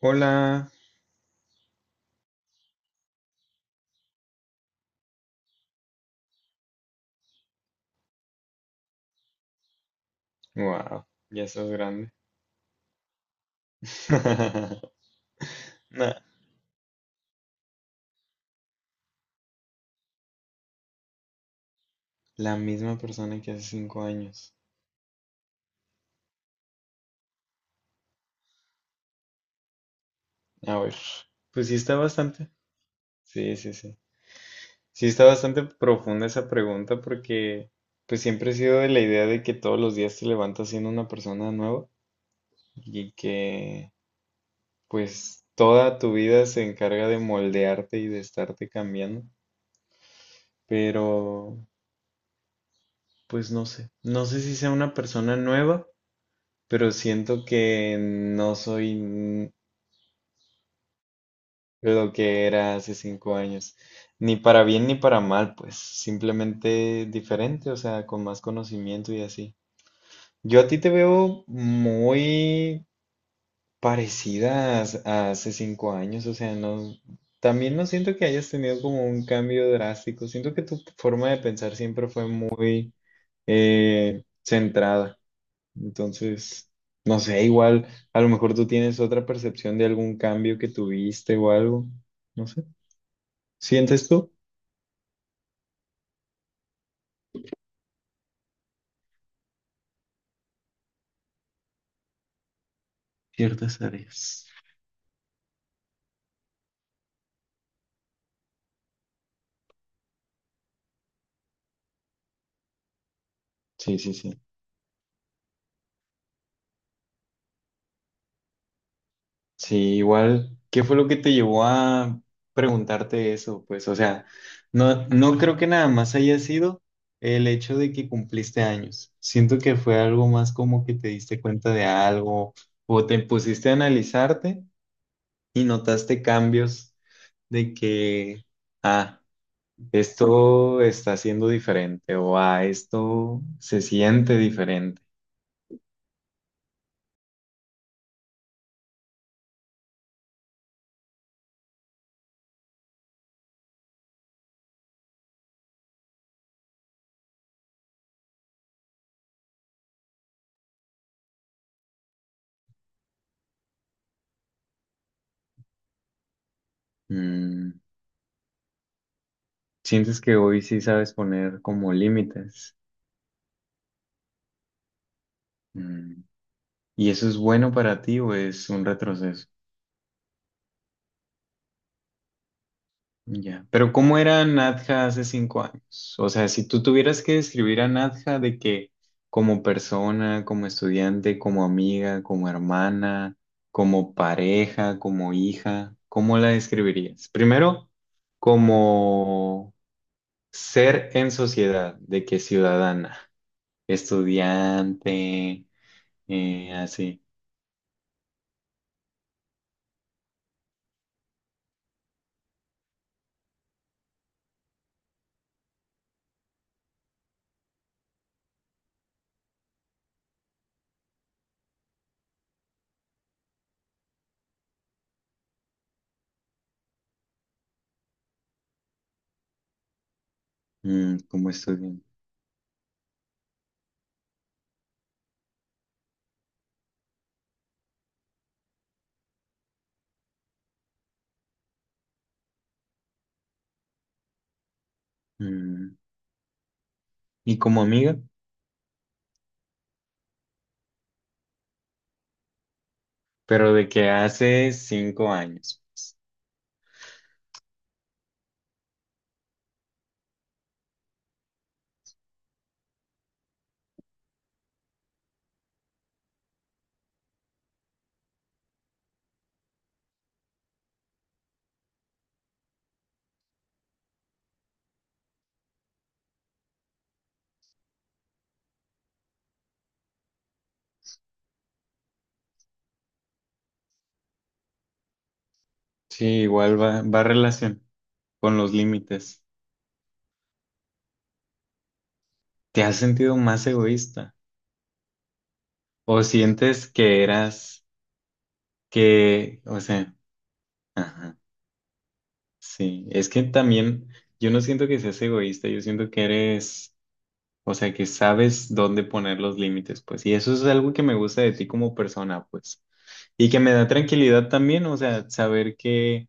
Hola. Wow, ya estás grande. Nah, la misma persona que hace 5 años. A ver, pues sí está bastante. Sí, sí, sí. Sí está bastante profunda esa pregunta porque pues siempre he sido de la idea de que todos los días te levantas siendo una persona nueva y que pues toda tu vida se encarga de moldearte y de estarte cambiando. Pero pues no sé. No sé si sea una persona nueva, pero siento que no soy lo que era hace 5 años, ni para bien ni para mal, pues simplemente diferente, o sea, con más conocimiento y así. Yo a ti te veo muy parecida a hace 5 años, o sea, no, también no siento que hayas tenido como un cambio drástico, siento que tu forma de pensar siempre fue muy centrada. Entonces, no sé, igual, a lo mejor tú tienes otra percepción de algún cambio que tuviste o algo, no sé. ¿Sientes tú? Ciertas áreas. Sí, sí, sí. Sí, igual, ¿qué fue lo que te llevó a preguntarte eso? Pues, o sea, no, no creo que nada más haya sido el hecho de que cumpliste años. Siento que fue algo más como que te diste cuenta de algo o te pusiste a analizarte y notaste cambios de que, ah. Esto está siendo diferente o a esto se siente diferente. Mm, Sientes que hoy sí sabes poner como límites. Mm, y eso es bueno para ti o es un retroceso. Ya. Pero ¿cómo era Nadja hace 5 años? O sea, si tú tuvieras que describir a Nadja de que como persona, como estudiante, como amiga, como hermana, como pareja, como hija, ¿cómo la describirías? Primero como ser en sociedad, de que ciudadana, estudiante, así, como estudiante, mm, y como amiga, pero de que hace 5 años, pues. Sí, igual va relación con los límites. ¿Te has sentido más egoísta? ¿O sientes que eras, que, o sea, ajá, sí, es que también yo no siento que seas egoísta, yo siento que eres. O sea, que sabes dónde poner los límites, pues. Y eso es algo que me gusta de ti como persona, pues. Y que me da tranquilidad también, o sea, saber que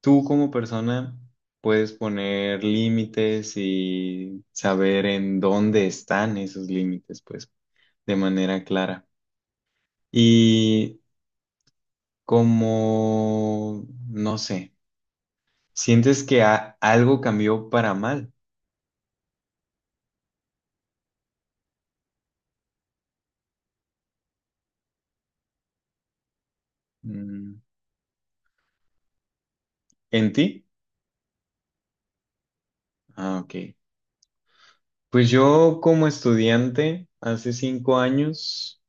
tú como persona puedes poner límites y saber en dónde están esos límites, pues, de manera clara. Y como, no sé, sientes que algo cambió para mal, mm, en ti. Ah, ok. Pues yo como estudiante hace 5 años,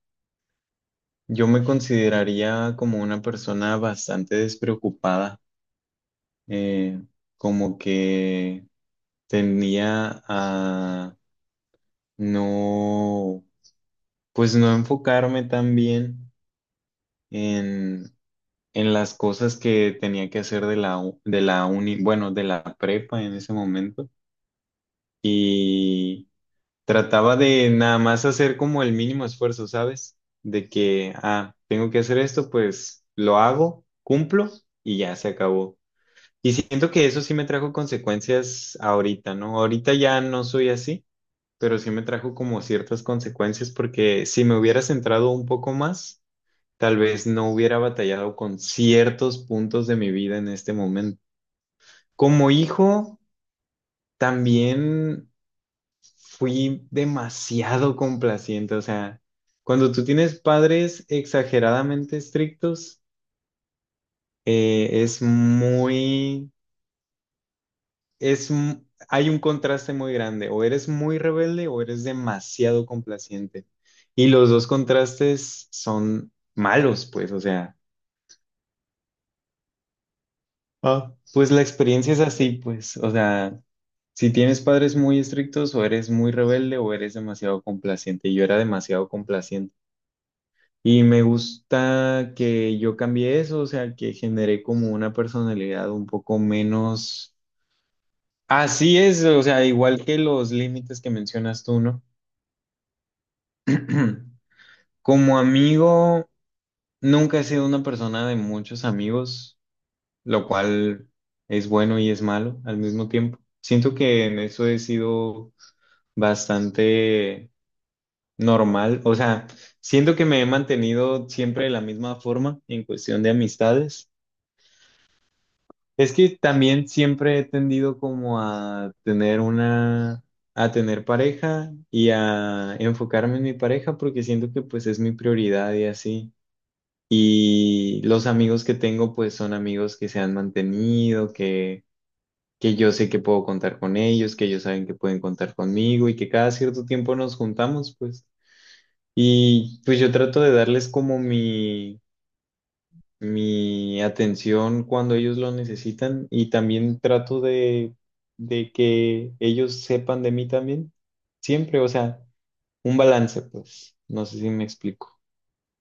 yo me consideraría como una persona bastante despreocupada, eh, como que tendía a no, pues no enfocarme tan bien en, en las cosas que tenía que hacer de la uni, bueno, de la prepa en ese momento. Trataba de nada más hacer como el mínimo esfuerzo, ¿sabes? De que, tengo que hacer esto, pues lo hago, cumplo y ya se acabó. Y siento que eso sí me trajo consecuencias ahorita, ¿no? Ahorita ya no soy así, pero sí me trajo como ciertas consecuencias porque si me hubiera centrado un poco más, tal vez no hubiera batallado con ciertos puntos de mi vida en este momento. Como hijo, también, fui demasiado complaciente, o sea, cuando tú tienes padres exageradamente estrictos, es muy, es, m- hay un contraste muy grande, o eres muy rebelde o eres demasiado complaciente. Y los dos contrastes son malos, pues, o sea, pues la experiencia es así, pues, o sea, si tienes padres muy estrictos, o eres muy rebelde o eres demasiado complaciente. Y yo era demasiado complaciente. Y me gusta que yo cambié eso, o sea, que generé como una personalidad un poco menos. Así es, o sea, igual que los límites que mencionas tú, ¿no? Como amigo, nunca he sido una persona de muchos amigos, lo cual es bueno y es malo al mismo tiempo. Siento que en eso he sido bastante normal, o sea, siento que me he mantenido siempre de la misma forma en cuestión de amistades. Es que también siempre he tendido como a tener una, a tener pareja y a enfocarme en mi pareja porque siento que pues es mi prioridad y así. Y los amigos que tengo pues son amigos que se han mantenido, que yo sé que puedo contar con ellos, que ellos saben que pueden contar conmigo y que cada cierto tiempo nos juntamos pues. Y pues yo trato de darles como mi atención cuando ellos lo necesitan y también trato de que ellos sepan de mí también, siempre, o sea, un balance, pues, no sé si me explico.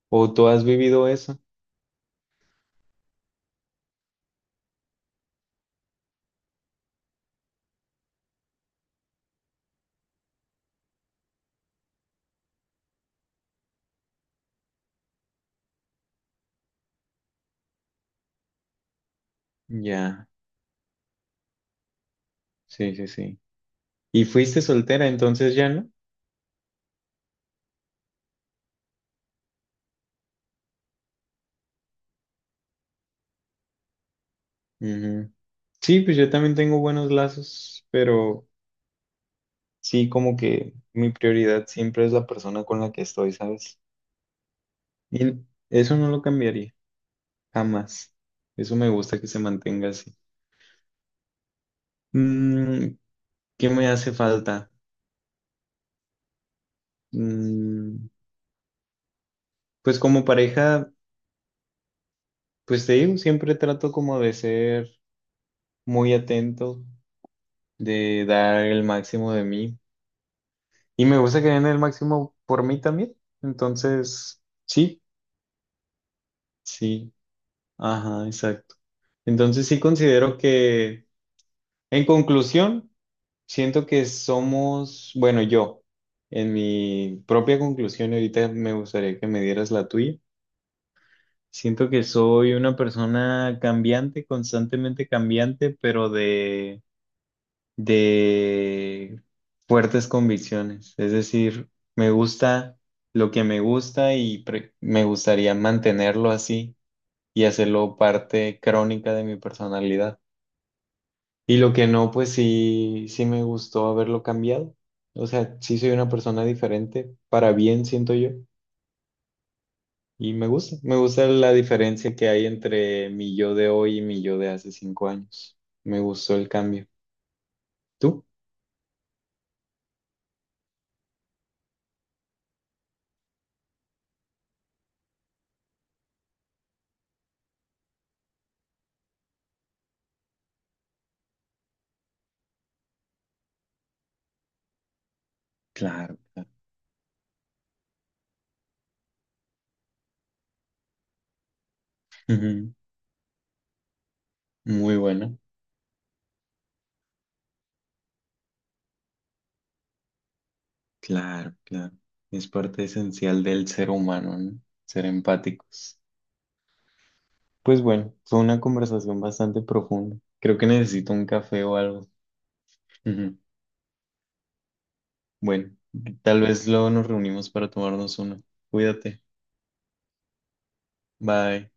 ¿O tú has vivido eso? Ya, sí, sí, sí. ¿Y fuiste soltera entonces ya, no? Ujú. Sí, pues yo también tengo buenos lazos, pero sí, como que mi prioridad siempre es la persona con la que estoy, ¿sabes? Y eso no lo cambiaría. Jamás. Eso me gusta que se mantenga así. Mm, ¿Qué me hace falta? Mm, pues como pareja, pues te digo, siempre trato como de ser muy atento, de dar el máximo de mí. Y me gusta que den el máximo por mí también. Entonces, sí, sí, ajá, exacto. Entonces sí considero que, en conclusión, siento que somos, bueno, yo, en mi propia conclusión, y ahorita me gustaría que me dieras la tuya. Siento que soy una persona cambiante, constantemente cambiante, pero de fuertes convicciones. Es decir, me gusta lo que me gusta y me gustaría mantenerlo así y hacerlo parte crónica de mi personalidad. Y lo que no, pues sí, sí me gustó haberlo cambiado. O sea, sí soy una persona diferente, para bien siento yo. Y me gusta la diferencia que hay entre mi yo de hoy y mi yo de hace 5 años. Me gustó el cambio. ¿Tú? Claro, claro. Ujú. Muy bueno. Claro, claro. Es parte esencial del ser humano, ¿no? Ser empáticos. Pues bueno, fue una conversación bastante profunda. Creo que necesito un café o algo. Bueno, tal vez luego nos reunimos para tomarnos una. Cuídate. Bye.